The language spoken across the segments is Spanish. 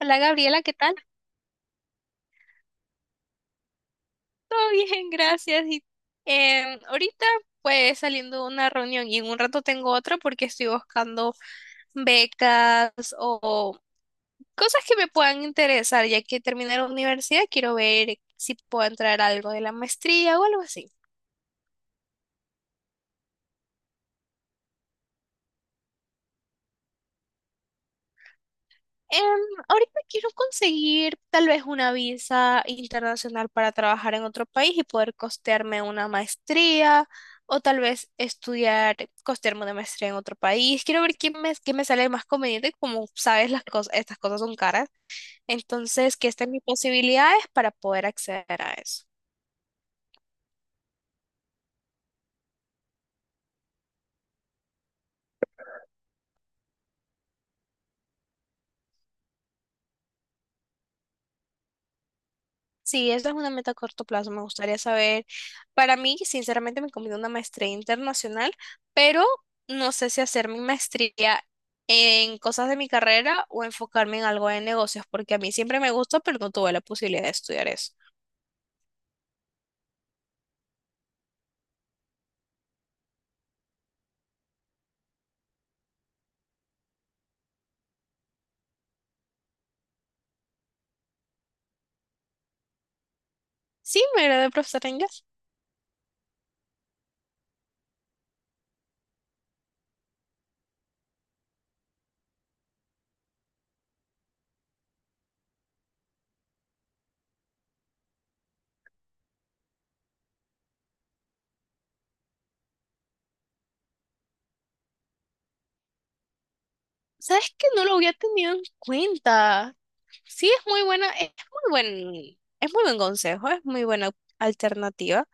Hola Gabriela, ¿qué tal? Todo bien, gracias. Y ahorita pues saliendo de una reunión y en un rato tengo otra porque estoy buscando becas o cosas que me puedan interesar, ya que terminé la universidad, quiero ver si puedo entrar a algo de la maestría o algo así. Em, Ahorita quiero conseguir tal vez una visa internacional para trabajar en otro país y poder costearme una maestría o tal vez estudiar, costearme una maestría en otro país. Quiero ver qué me sale más conveniente, como sabes, las cosas, estas cosas son caras. Entonces, qué están mis posibilidades para poder acceder a eso. Sí, esta es una meta a corto plazo. Me gustaría saber, para mí, sinceramente, me conviene una maestría internacional, pero no sé si hacer mi maestría en cosas de mi carrera o enfocarme en algo de negocios, porque a mí siempre me gustó, pero no tuve la posibilidad de estudiar eso. Sí, me gradué de profesora de inglés. ¿Sabes que no lo había tenido en cuenta? Sí, es muy buena, es muy buen consejo, es muy buena alternativa.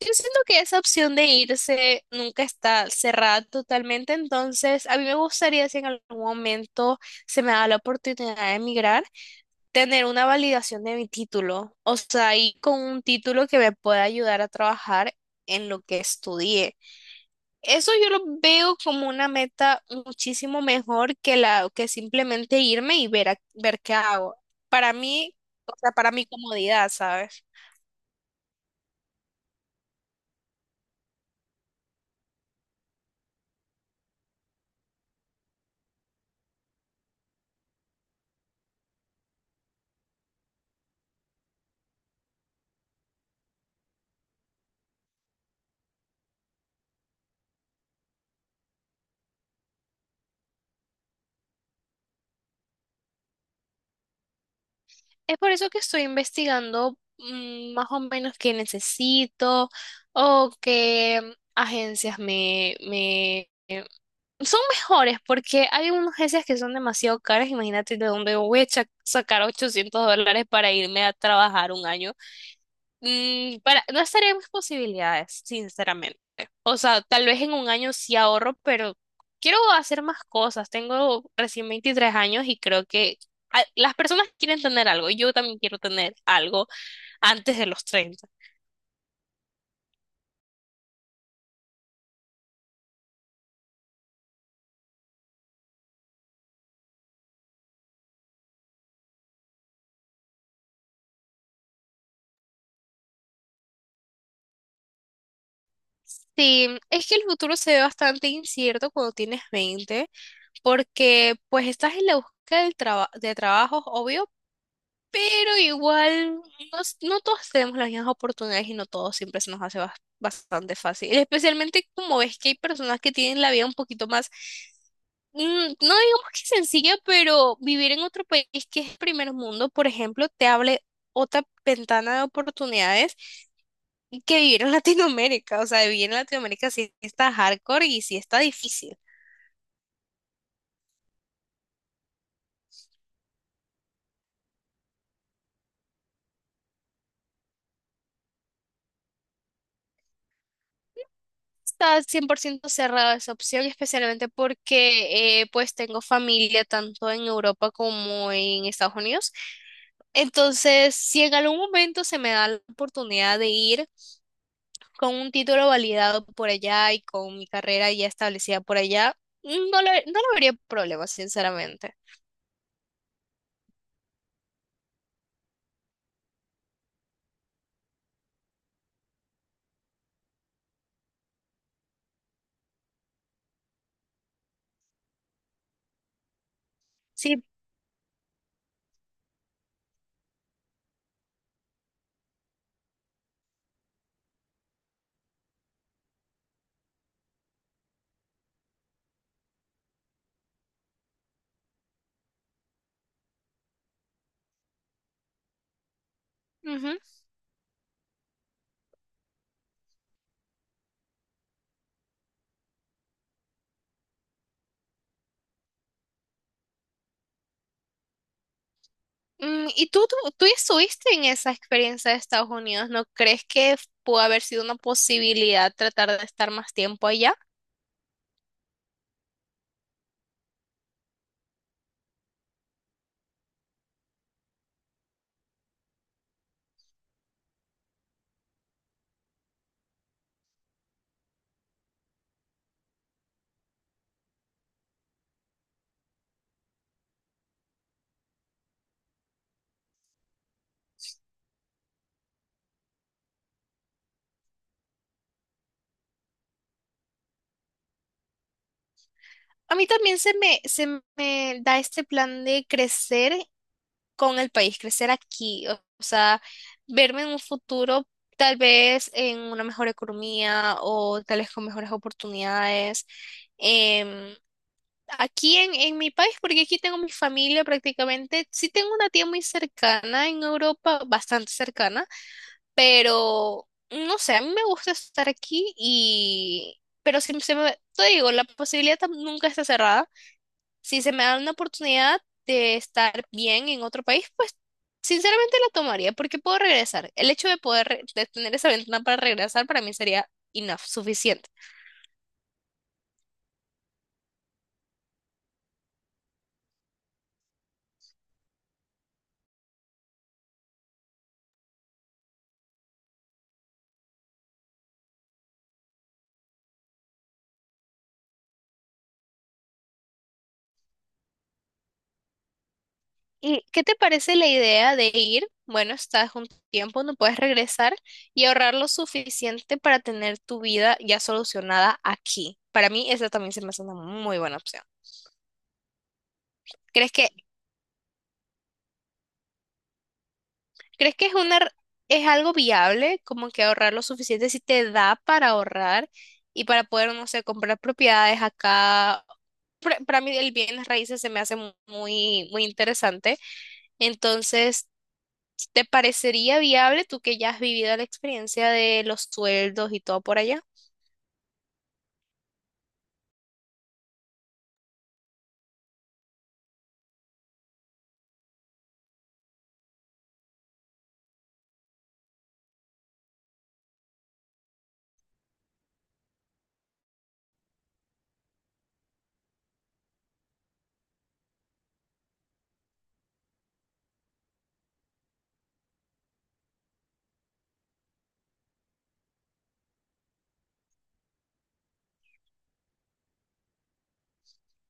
Yo siento que esa opción de irse nunca está cerrada totalmente, entonces a mí me gustaría si en algún momento se me da la oportunidad de emigrar, tener una validación de mi título, o sea, y con un título que me pueda ayudar a trabajar en lo que estudié. Eso yo lo veo como una meta muchísimo mejor que la que simplemente irme y ver ver qué hago. Para mí, o sea, para mi comodidad, ¿sabes? Es por eso que estoy investigando más o menos qué necesito o qué agencias me son mejores porque hay unas agencias que son demasiado caras. Imagínate de dónde voy a sacar $800 para irme a trabajar un año. Para, no estaría en mis posibilidades, sinceramente. O sea, tal vez en un año sí ahorro, pero quiero hacer más cosas. Tengo recién 23 años y creo que las personas quieren tener algo. Yo también quiero tener algo antes de los 30. Sí, es que el futuro se ve bastante incierto cuando tienes 20 porque pues estás en la búsqueda del de trabajo, obvio. Pero igual, no, no todos tenemos las mismas oportunidades y no todos siempre se nos hace bastante fácil. Especialmente como ves que hay personas que tienen la vida un poquito más, no digamos que sencilla, pero vivir en otro país que es primer mundo, por ejemplo, te abre otra ventana de oportunidades que vivir en Latinoamérica. O sea, vivir en Latinoamérica sí está hardcore y sí está difícil. Está 100% cerrada esa opción, especialmente porque pues tengo familia tanto en Europa como en Estados Unidos. Entonces, si en algún momento se me da la oportunidad de ir con un título validado por allá y con mi carrera ya establecida por allá, no lo vería problema, sinceramente. Sí. Ujú. ¿Y tú ya estuviste en esa experiencia de Estados Unidos? ¿No crees que pudo haber sido una posibilidad tratar de estar más tiempo allá? A mí también se me da este plan de crecer con el país, crecer aquí, o sea, verme en un futuro tal vez en una mejor economía o tal vez con mejores oportunidades. em, Aquí en mi país, porque aquí tengo mi familia prácticamente, sí tengo una tía muy cercana en Europa, bastante cercana, pero no sé, a mí me gusta estar aquí y. Pero si se me, te digo, la posibilidad nunca está cerrada si se me da una oportunidad de estar bien en otro país, pues sinceramente la tomaría porque puedo regresar. El hecho de poder de tener esa ventana para regresar para mí sería enough, suficiente. ¿Y qué te parece la idea de ir? Bueno, estás un tiempo, no puedes regresar y ahorrar lo suficiente para tener tu vida ya solucionada aquí. Para mí, esa también se me hace una muy buena opción. ¿Crees que ¿Crees que es algo viable, como que ahorrar lo suficiente si te da para ahorrar y para poder, no sé, comprar propiedades acá? Para mí el bienes raíces se me hace muy, muy interesante. Entonces, ¿te parecería viable tú que ya has vivido la experiencia de los sueldos y todo por allá?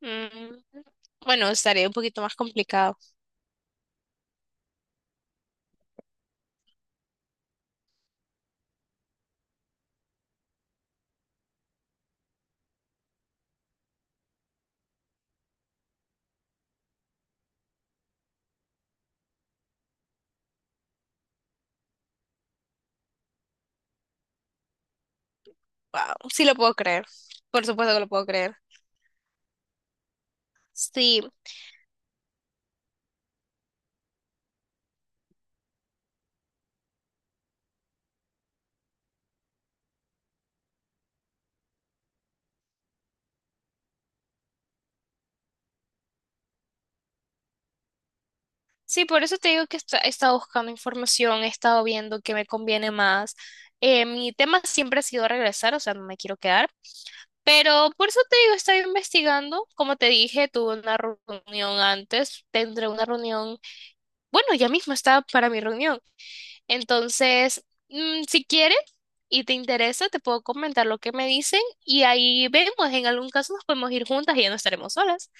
Mm, Bueno, estaría un poquito más complicado. Wow, sí lo puedo creer. Por supuesto que lo puedo creer. Sí. Sí, por eso te digo que he estado buscando información, he estado viendo qué me conviene más. Mi tema siempre ha sido regresar, o sea, no me quiero quedar, pero por eso te digo, estoy investigando. Como te dije, tuve una reunión antes, tendré una reunión, bueno, ya mismo está para mi reunión. Entonces, si quieres y te interesa, te puedo comentar lo que me dicen y ahí vemos, en algún caso nos podemos ir juntas y ya no estaremos solas.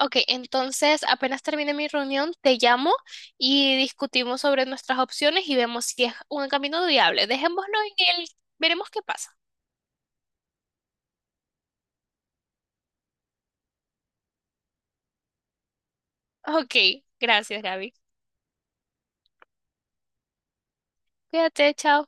Ok, entonces apenas termine mi reunión, te llamo y discutimos sobre nuestras opciones y vemos si es un camino viable. Dejémoslo en el, veremos qué pasa. Ok, gracias, Gaby. Cuídate, chao.